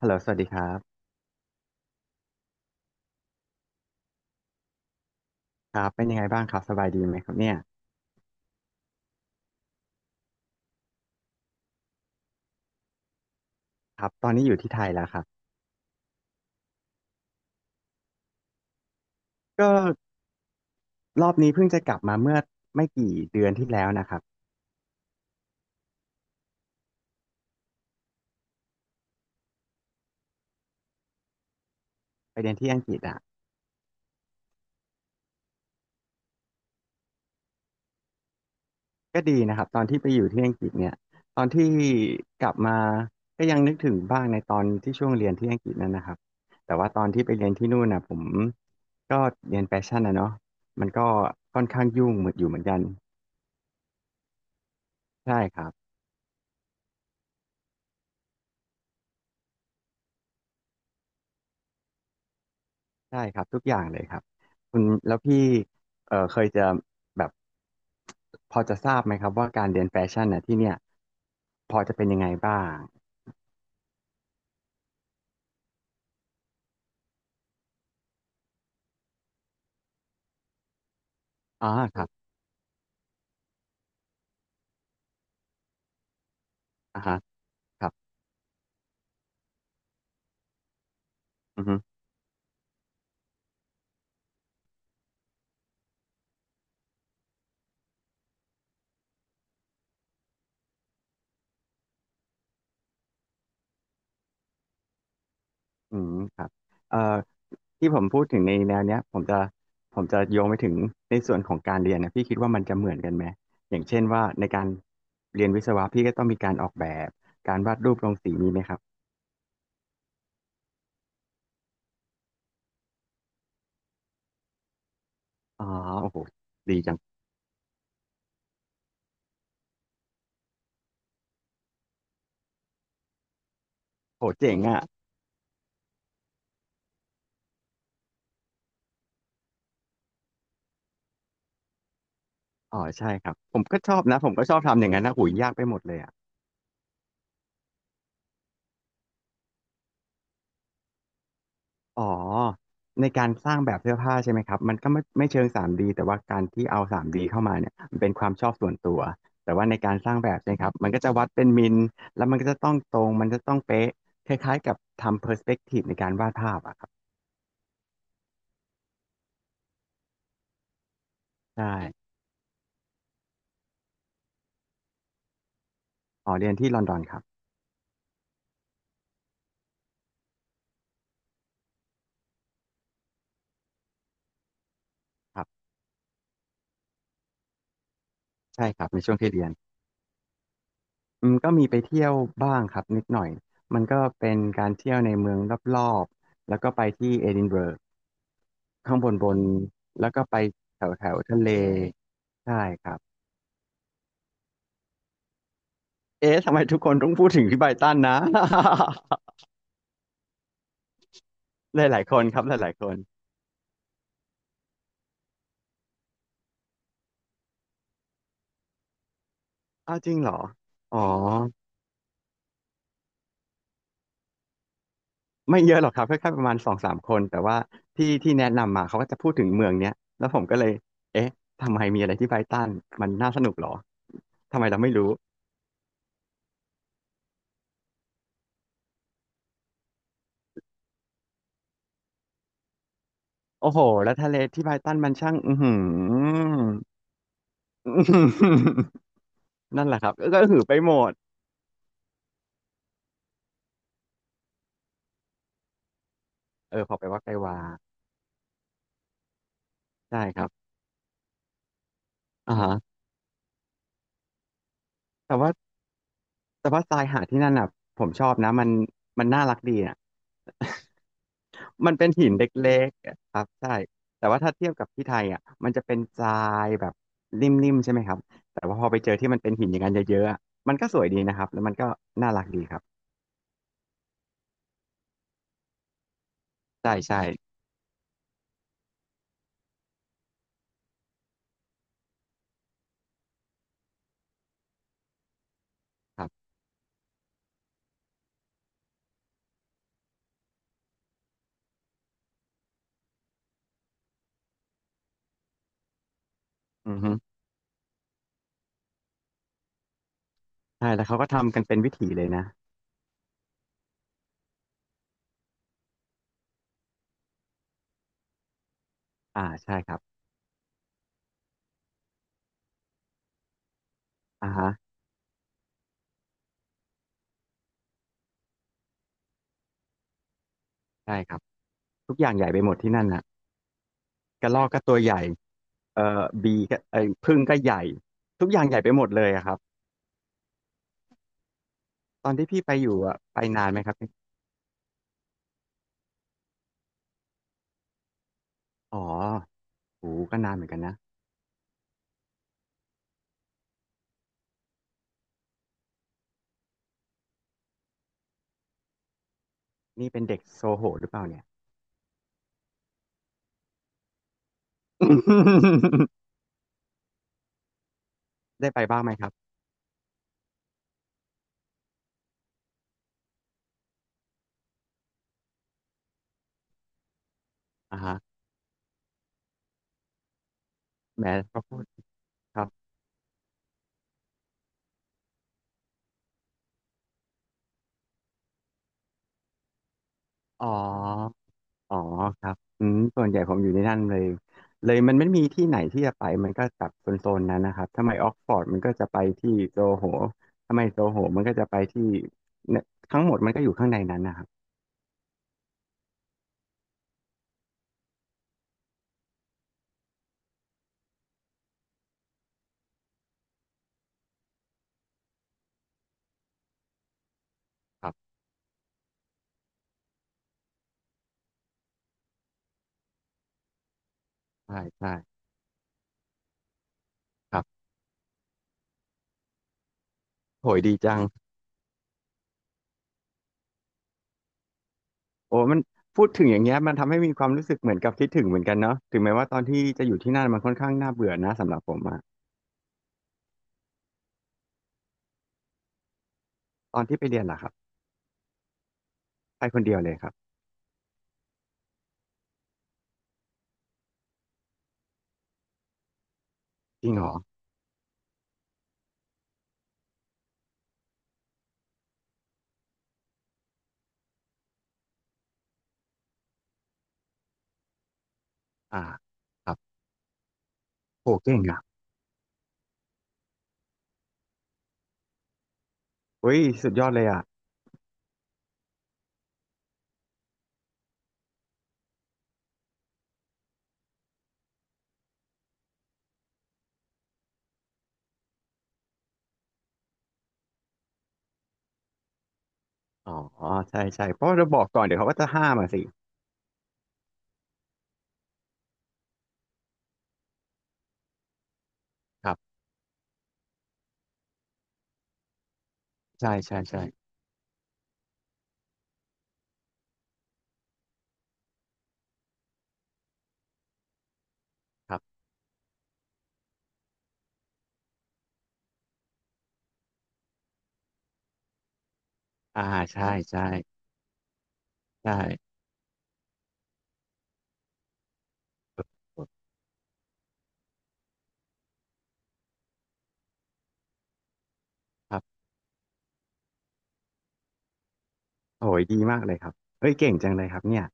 ฮัลโหลสวัสดีครับครับเป็นยังไงบ้างครับสบายดีไหมครับเนี่ยครับตอนนี้อยู่ที่ไทยแล้วครับก็รอบนี้เพิ่งจะกลับมาเมื่อไม่กี่เดือนที่แล้วนะครับไปเรียนที่อังกฤษอ่ะก็ดีนะครับตอนที่ไปอยู่ที่อังกฤษเนี่ยตอนที่กลับมาก็ยังนึกถึงบ้างในตอนที่ช่วงเรียนที่อังกฤษนั่นนะครับแต่ว่าตอนที่ไปเรียนที่นู่นนะผมก็เรียนแฟชั่นนะเนาะมันก็ค่อนข้างยุ่งเหมือนอยู่เหมือนกันใช่ครับ ได้ครับทุกอย่างเลยครับคุณแล้วพี่เคยจะแบบพอจะทราบไหมครับว่าการเรียนแฟชั่นน่ะที่เนี่ยพอจะเป็นยังไงบ้างอ่าครับอ่าฮะครับอือฮึอืมครับเอ่อที่ผมพูดถึงในแนวเนี้ยผมจะโยงไปถึงในส่วนของการเรียนนะพี่คิดว่ามันจะเหมือนกันไหมอย่างเช่นว่าในการเรียนวิศวะพี่ก็ต้องมีการออกแบบการวาดรูปลงสีมีไหมครับอ๋อโอ้โหดีจังโหเจ๋งอ่ะ อ๋อใช่ครับผมก็ชอบนะผมก็ชอบทำอย่างนั้นนะหุ้ยยากไปหมดเลยอ่ะอ๋อในการสร้างแบบเสื้อผ้าใช่ไหมครับมันก็ไม่เชิง 3D แต่ว่าการที่เอา 3D เข้ามาเนี่ยมันเป็นความชอบส่วนตัวแต่ว่าในการสร้างแบบใช่ไหมครับมันก็จะวัดเป็นมิลแล้วมันก็จะต้องตรงมันจะต้องเป๊ะคล้ายๆกับทำ perspective ในการวาดภาพอะครับใช่อ๋อเรียนที่ลอนดอนครับครับใช่ครับในช่วงที่เรียนอืมก็มีไปเที่ยวบ้างครับนิดหน่อยมันก็เป็นการเที่ยวในเมืองรอบๆแล้วก็ไปที่เอดินบะระ ข้างบนแล้วก็ไปแถวแถวทะเลใช่ครับเอ๊ะทำไมทุกคนต้องพูดถึงพี่ไบตันนะ หลายๆคนครับหลายๆคนอ้าวจริงเหรออ๋อไม่เยอะหรอกครับแค่ประมาณสองสามคนแต่ว่าที่แนะนำมาเขาก็จะพูดถึงเมืองเนี้ยแล้วผมก็เลยเอ๊ะทำไมมีอะไรที่ไบรตันมันน่าสนุกเหรอทำไมเราไม่รู้โอ้โหแล้วทะเลที่ไบรตันมันช่างอือหืออื้อหือ นั่นแหละครับก็ก็หือไปหมดเออพอไปวัดไปวาใช่ครับอ่าฮะแต่ว่า แต่ว่าทรายหาดที่นั่นอ่ะผมชอบนะมันมันน่ารักดีอ่ะมันเป็นหินเล็กๆอะครับใช่แต่ว่าถ้าเทียบกับที่ไทยอ่ะมันจะเป็นทรายแบบนิ่มๆใช่ไหมครับแต่ว่าพอไปเจอที่มันเป็นหินอย่างนั้นเยอะๆอะมันก็สวยดีนะครับแล้วมันก็น่ารักดีครับใช่ใช่ครับอือฮึใช่แล้วเขาก็ทำกันเป็นวิถีเลยนะอ่าใช่ครับอ่าฮะใช่ครับทุกอย่างใหญ่ไปหมดที่นั่นอ่ะกระรอกก็ตัวใหญ่บีก็ผึ้งก็ใหญ่ทุกอย่างใหญ่ไปหมดเลยอะครับตอนที่พี่ไปอยู่อะไปนานไหมครับ อ๋อโหก็นานเหมือนกันนะนี่เป็นเด็กโซโหหรือเปล่าเนี่ย ได้ไปบ้างไหมครับอ่าฮะแหมก็พูดครับอ๋ออ๋อครับอืมส่วนใหญ่ผมอยู่ในนั่นเลยเลยมันไม่มีที่ไหนที่จะไปมันก็จับโซนๆนั้นนะครับถ้าไม่ออกฟอร์ดมันก็จะไปที่โซโหถ้าไม่โซโหมันก็จะไปที่เนี่ยทั้งหมดมันก็อยู่ข้างในนั้นนะครับครับใช่ใช่ครับโหยดีจัง โอ้มันพูดถึงอย่างเงี้ยมันทำให้มีความรู้สึกเหมือนกับคิดถึงเหมือนกันเนาะถึงแม้ว่าตอนที่จะอยู่ที่นั่นมันค่อนข้างน่าเบื่อนะสำหรับผมอะตอนที่ไปเรียนล่ะครับไปคนเดียวเลยครับจริงเหรออ่าครับโหเก่งอ่ะเฮ้ยสุดยอดเลยอ่ะอ๋อใช่ใช่เพราะว่าเราบอกก่อนเดี๋ยวเขาก็จะห้ามมาสิครับใช่ใช่ใช่ครับอ่าใช่ใช่ใช่ครับ โอ้ยดีมากเลยครับเอ้ยเก่งจังเลยครับเนี่ย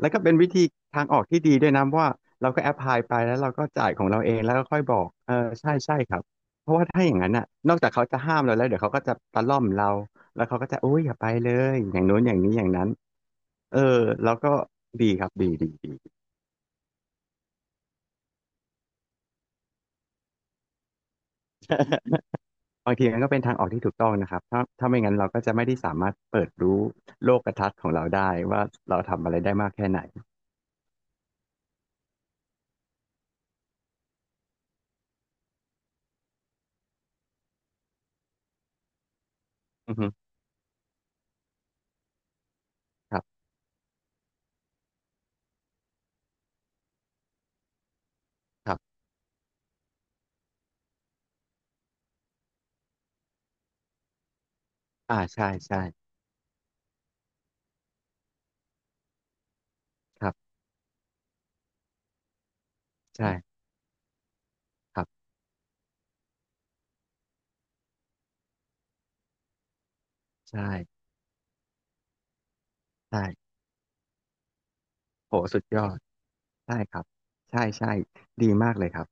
แล้วก็เป็นวิธีทางออกที่ดีด้วยนะเพราะว่าเราก็แอพพลายไปแล้วเราก็จ่ายของเราเองแล้วก็ค่อยบอกเออใช่ใช่ครับเพราะว่าถ้าอย่างนั้นน่ะนอกจากเขาจะห้ามเราแล้วเดี๋ยวเขาก็จะตะล่อมเราแล้วเขาก็จะโอ้ยอย่าไปเลยอย่างโน้นอย่างนี้อย่างนั้นเออแล้วก็ดีครับดีดีดี บางทีมันก็เป็นทางออกที่ถูกต้องนะครับถ้าไม่งั้นเราก็จะไม่ได้สามารถเปิดรู้โลกทัศน์ของเราได้ว่าเราทำอะไรได้มากแค่ไหนอือฮึครับครับอ่าใช่ใช่ครับ ใช่ครับใช่ใช่โหสุดยอดใช่ครับใช่ใช่ดีมากเลยครับ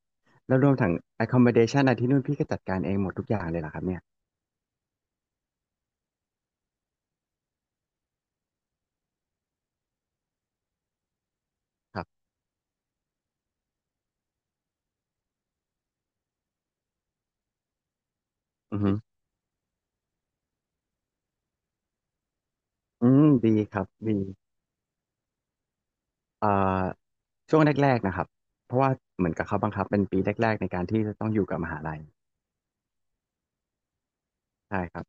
แล้วรวมถึง accommodation อะไรที่นู่นพี่ก็จัดการเองหมดทุกอย่างเลยเหรอครับเนี่ยครับอือฮึอืมดีครับดีเอ่อช่วงแรกๆนะครับเพราะว่าเหมือนกับเขาบังคับเป็นปีแรกๆในการที่จะต้องอยู่กับมหาลัยใช่ครับ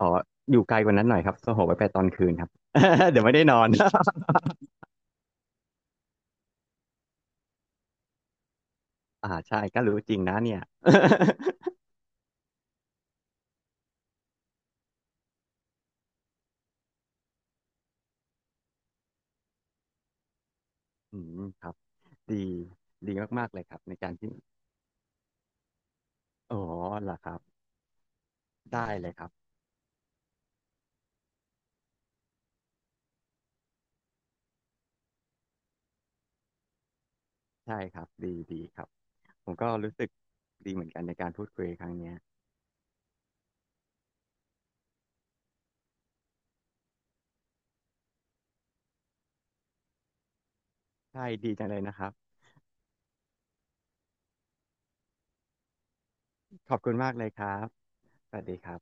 อ๋ออยู่ไกลกว่านั้นหน่อยครับโซโหไปไปตอนคืนครับ เดี๋ยวไม่ได้นอน อ่าใช่ก็รู้จริงนะเนี่ย อืมครับดีดีมากๆเลยครับในการที่ อ๋อเหรอครับได้เลยครับ ใช่ครับ ดีดีครับ ผมก็รู้สึกดีเหมือนกันในการพูดคุยครั้งเนี้ยใช่ดีจังเลยนะครับ ขอบคุณมากเลยครับสวัสดีครับ